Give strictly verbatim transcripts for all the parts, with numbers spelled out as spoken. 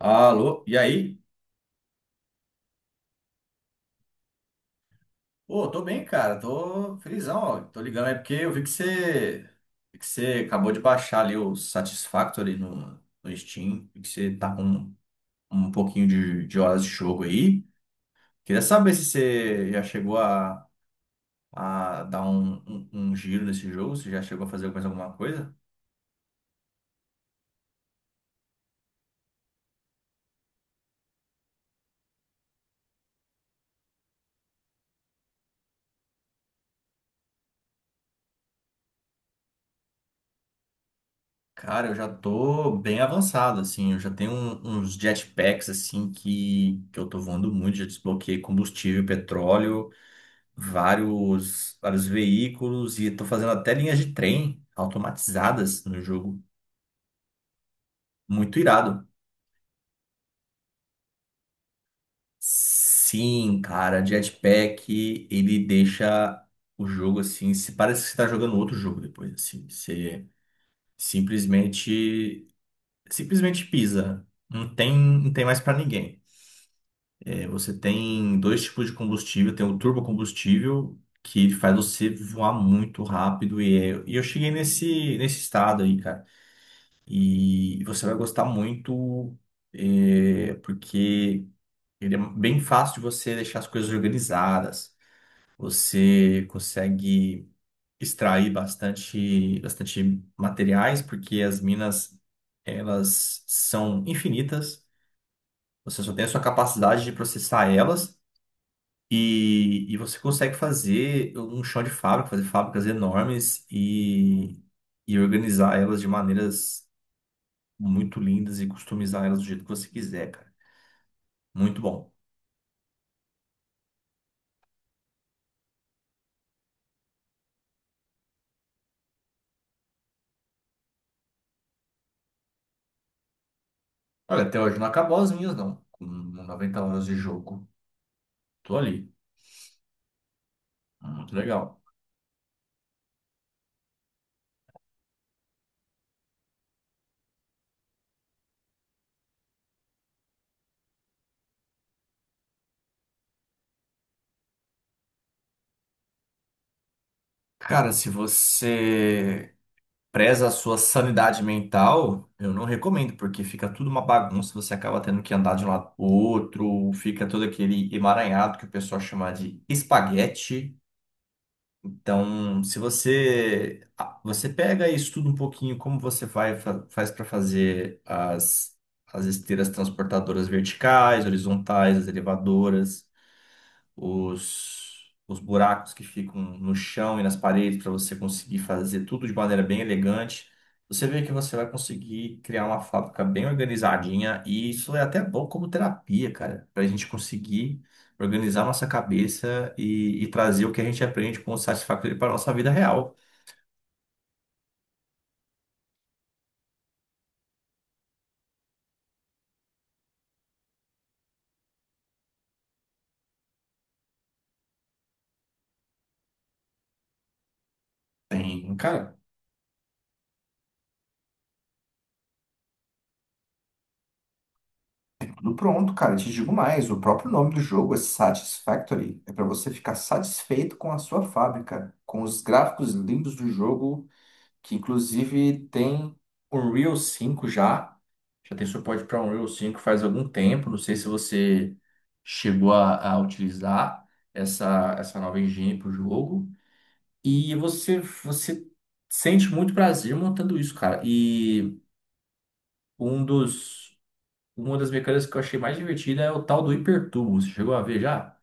Alô, e aí? Pô, tô bem, cara. Tô felizão, ó. Tô ligando aí porque eu vi que você, vi que você acabou de baixar ali o Satisfactory no, no Steam. Vi que você tá com um pouquinho de, de horas de jogo aí. Queria saber se você já chegou a, a dar um, um, um giro nesse jogo, se já chegou a fazer mais alguma coisa. Cara, eu já tô bem avançado, assim. Eu já tenho um- uns jetpacks, assim, que, que eu tô voando muito. Já desbloqueei combustível, petróleo. vários, vários veículos e estão fazendo até linhas de trem automatizadas no jogo. Muito irado. Sim, cara, jetpack, ele deixa o jogo assim, se parece que você tá jogando outro jogo depois, assim, você simplesmente simplesmente pisa. Não tem, não tem mais pra ninguém. É, você tem dois tipos de combustível, tem o turbocombustível que faz você voar muito rápido e, é- e eu cheguei nesse nesse estado aí, cara. E você vai gostar muito, eh, porque ele é bem fácil de você deixar as coisas organizadas. Você consegue extrair bastante, bastante materiais, porque as minas, elas são infinitas. Você só tem a sua capacidade de processar elas. E, e você consegue fazer um chão de fábrica, fazer fábricas enormes e, e organizar elas de maneiras muito lindas e customizar elas do jeito que você quiser, cara. Muito bom. Olha, até hoje não acabou as minhas, não. Com noventa horas de jogo, tô ali. Muito legal. Cara, se você preza a sua sanidade mental, eu não recomendo, porque fica tudo uma bagunça, você acaba tendo que andar de um lado pro outro, fica todo aquele emaranhado que o pessoal chama de espaguete. Então, se você ah, você pega e estuda um pouquinho como você vai fa- faz para fazer as, as esteiras transportadoras verticais, horizontais, as elevadoras os, os buracos que ficam no chão e nas paredes para você conseguir fazer tudo de maneira bem elegante. Você vê que você vai conseguir criar uma fábrica bem organizadinha e isso é até bom como terapia, cara, para a gente conseguir organizar nossa cabeça e, e trazer o que a gente aprende com satisfatório para a nossa vida real. Tem, cara, tudo pronto, cara. Te digo mais, o próprio nome do jogo é Satisfactory. É para você ficar satisfeito com a sua fábrica, com os gráficos lindos do jogo que inclusive tem Unreal cinco já. Já tem suporte para Unreal cinco faz algum tempo. Não sei se você chegou a, a utilizar essa, essa nova engine para o jogo. E você, você sente muito prazer montando isso, cara. E um dos, uma das mecânicas que eu achei mais divertida é o tal do hipertubo. Você chegou a ver já?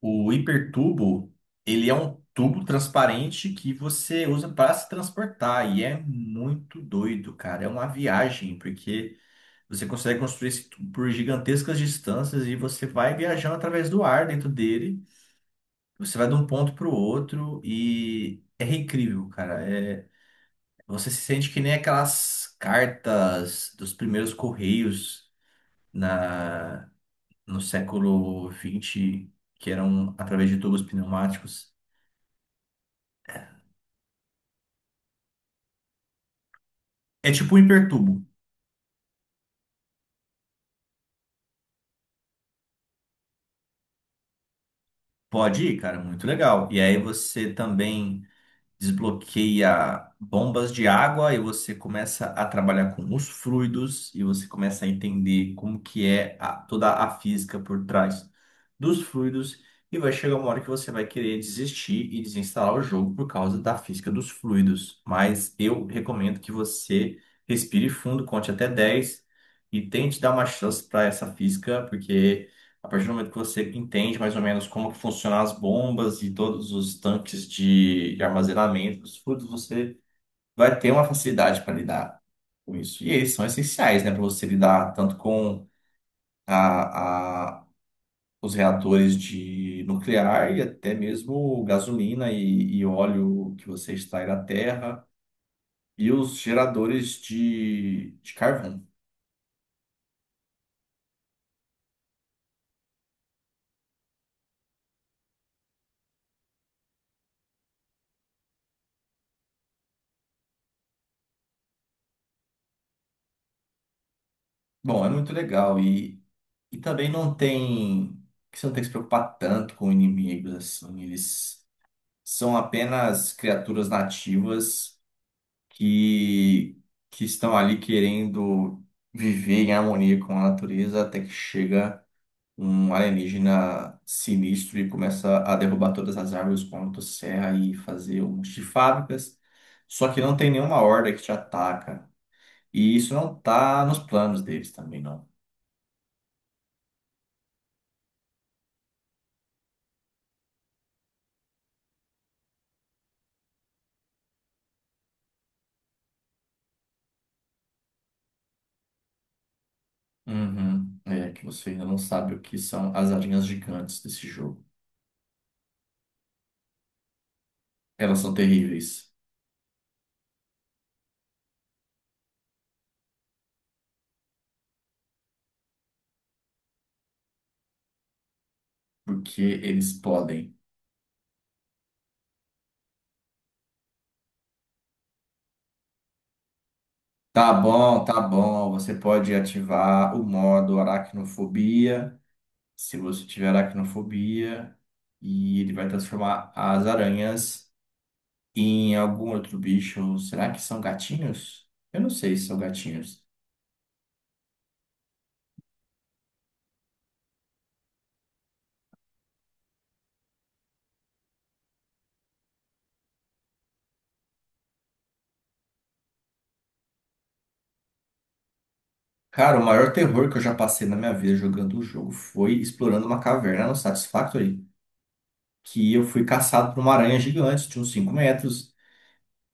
O hipertubo, ele é um tubo transparente que você usa para se transportar e é muito doido, cara. É uma viagem, porque você consegue construir esse tubo por gigantescas distâncias e você vai viajando através do ar dentro dele. Você vai de um ponto para o outro e é incrível, cara. É... Você se sente que nem aquelas cartas dos primeiros correios na... no século vinte que eram através de tubos pneumáticos. É tipo um hipertubo. Pode ir, cara, muito legal. E aí você também desbloqueia bombas de água e você começa a trabalhar com os fluidos e você começa a entender como que é a- toda a física por trás dos fluidos e vai chegar uma hora que você vai querer desistir e desinstalar o jogo por causa da física dos fluidos. Mas eu recomendo que você respire fundo, conte até dez e tente dar uma chance para essa física, porque a partir do momento que você entende mais ou menos como que funcionam as bombas e todos os tanques de de armazenamento dos fluidos, você vai ter uma facilidade para lidar com isso. E eles são essenciais, né, para você lidar tanto com a, a- os reatores de nuclear e até mesmo gasolina e, e óleo que você extrai da terra e os geradores de, de carvão. Bom, é muito legal. E também não tem. Que Você não tem que se preocupar tanto com inimigos, assim. Eles são apenas criaturas nativas que, que estão ali querendo viver em harmonia com a natureza até que chega um alienígena sinistro e começa a derrubar todas as árvores com a motosserra e fazer um monte de fábricas. Só que não tem nenhuma horda que te ataca. E isso não tá nos planos deles também, não. Uhum. É que você ainda não sabe o que são as aranhas gigantes desse jogo. Elas são terríveis, porque eles podem. Tá bom, tá bom. Você pode ativar o modo aracnofobia, se você tiver aracnofobia, e ele vai transformar as aranhas em algum outro bicho. Será que são gatinhos? Eu não sei se são gatinhos. Cara, o maior terror que eu já passei na minha vida jogando o jogo foi explorando uma caverna no Satisfactory, que eu fui caçado por uma aranha gigante, de uns cinco metros,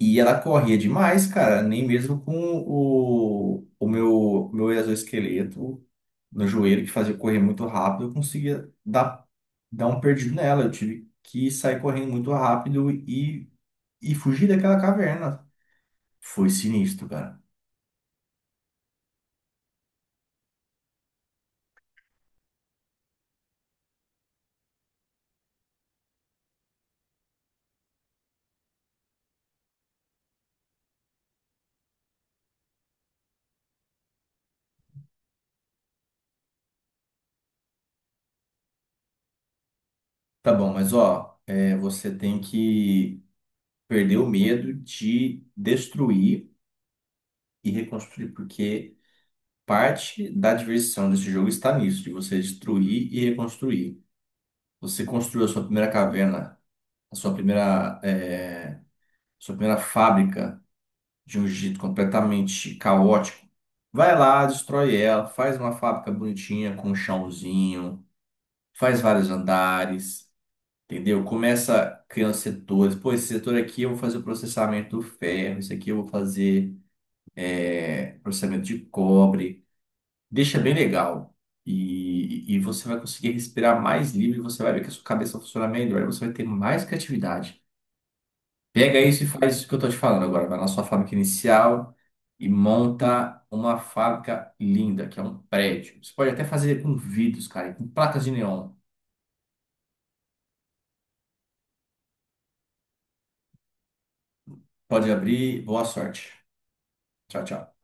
e ela corria demais, cara, nem mesmo com o, o meu, meu exoesqueleto no joelho, que fazia eu correr muito rápido, eu conseguia dar, dar um perdido nela. Eu tive que sair correndo muito rápido e, e fugir daquela caverna. Foi sinistro, cara. Tá bom, mas ó, é, você tem que perder o medo de destruir e reconstruir, porque parte da diversão desse jogo está nisso, de você destruir e reconstruir. Você construiu a sua primeira caverna, a sua primeira, eh, sua primeira fábrica de um jeito completamente caótico. Vai lá, destrói ela, faz uma fábrica bonitinha com um chãozinho, faz vários andares, entendeu? Começa criando setores. Pô, esse setor aqui eu vou fazer o processamento do ferro, esse aqui eu vou fazer é, processamento de cobre. Deixa bem legal. E, e você vai conseguir respirar mais livre, você vai ver que a sua cabeça vai funcionar melhor, você vai ter mais criatividade. Pega isso e faz isso que eu tô te falando agora. Vai na sua fábrica inicial e monta uma fábrica linda, que é um prédio. Você pode até fazer com vidros, cara, e com placas de neon. Pode abrir, boa sorte. Tchau, tchau.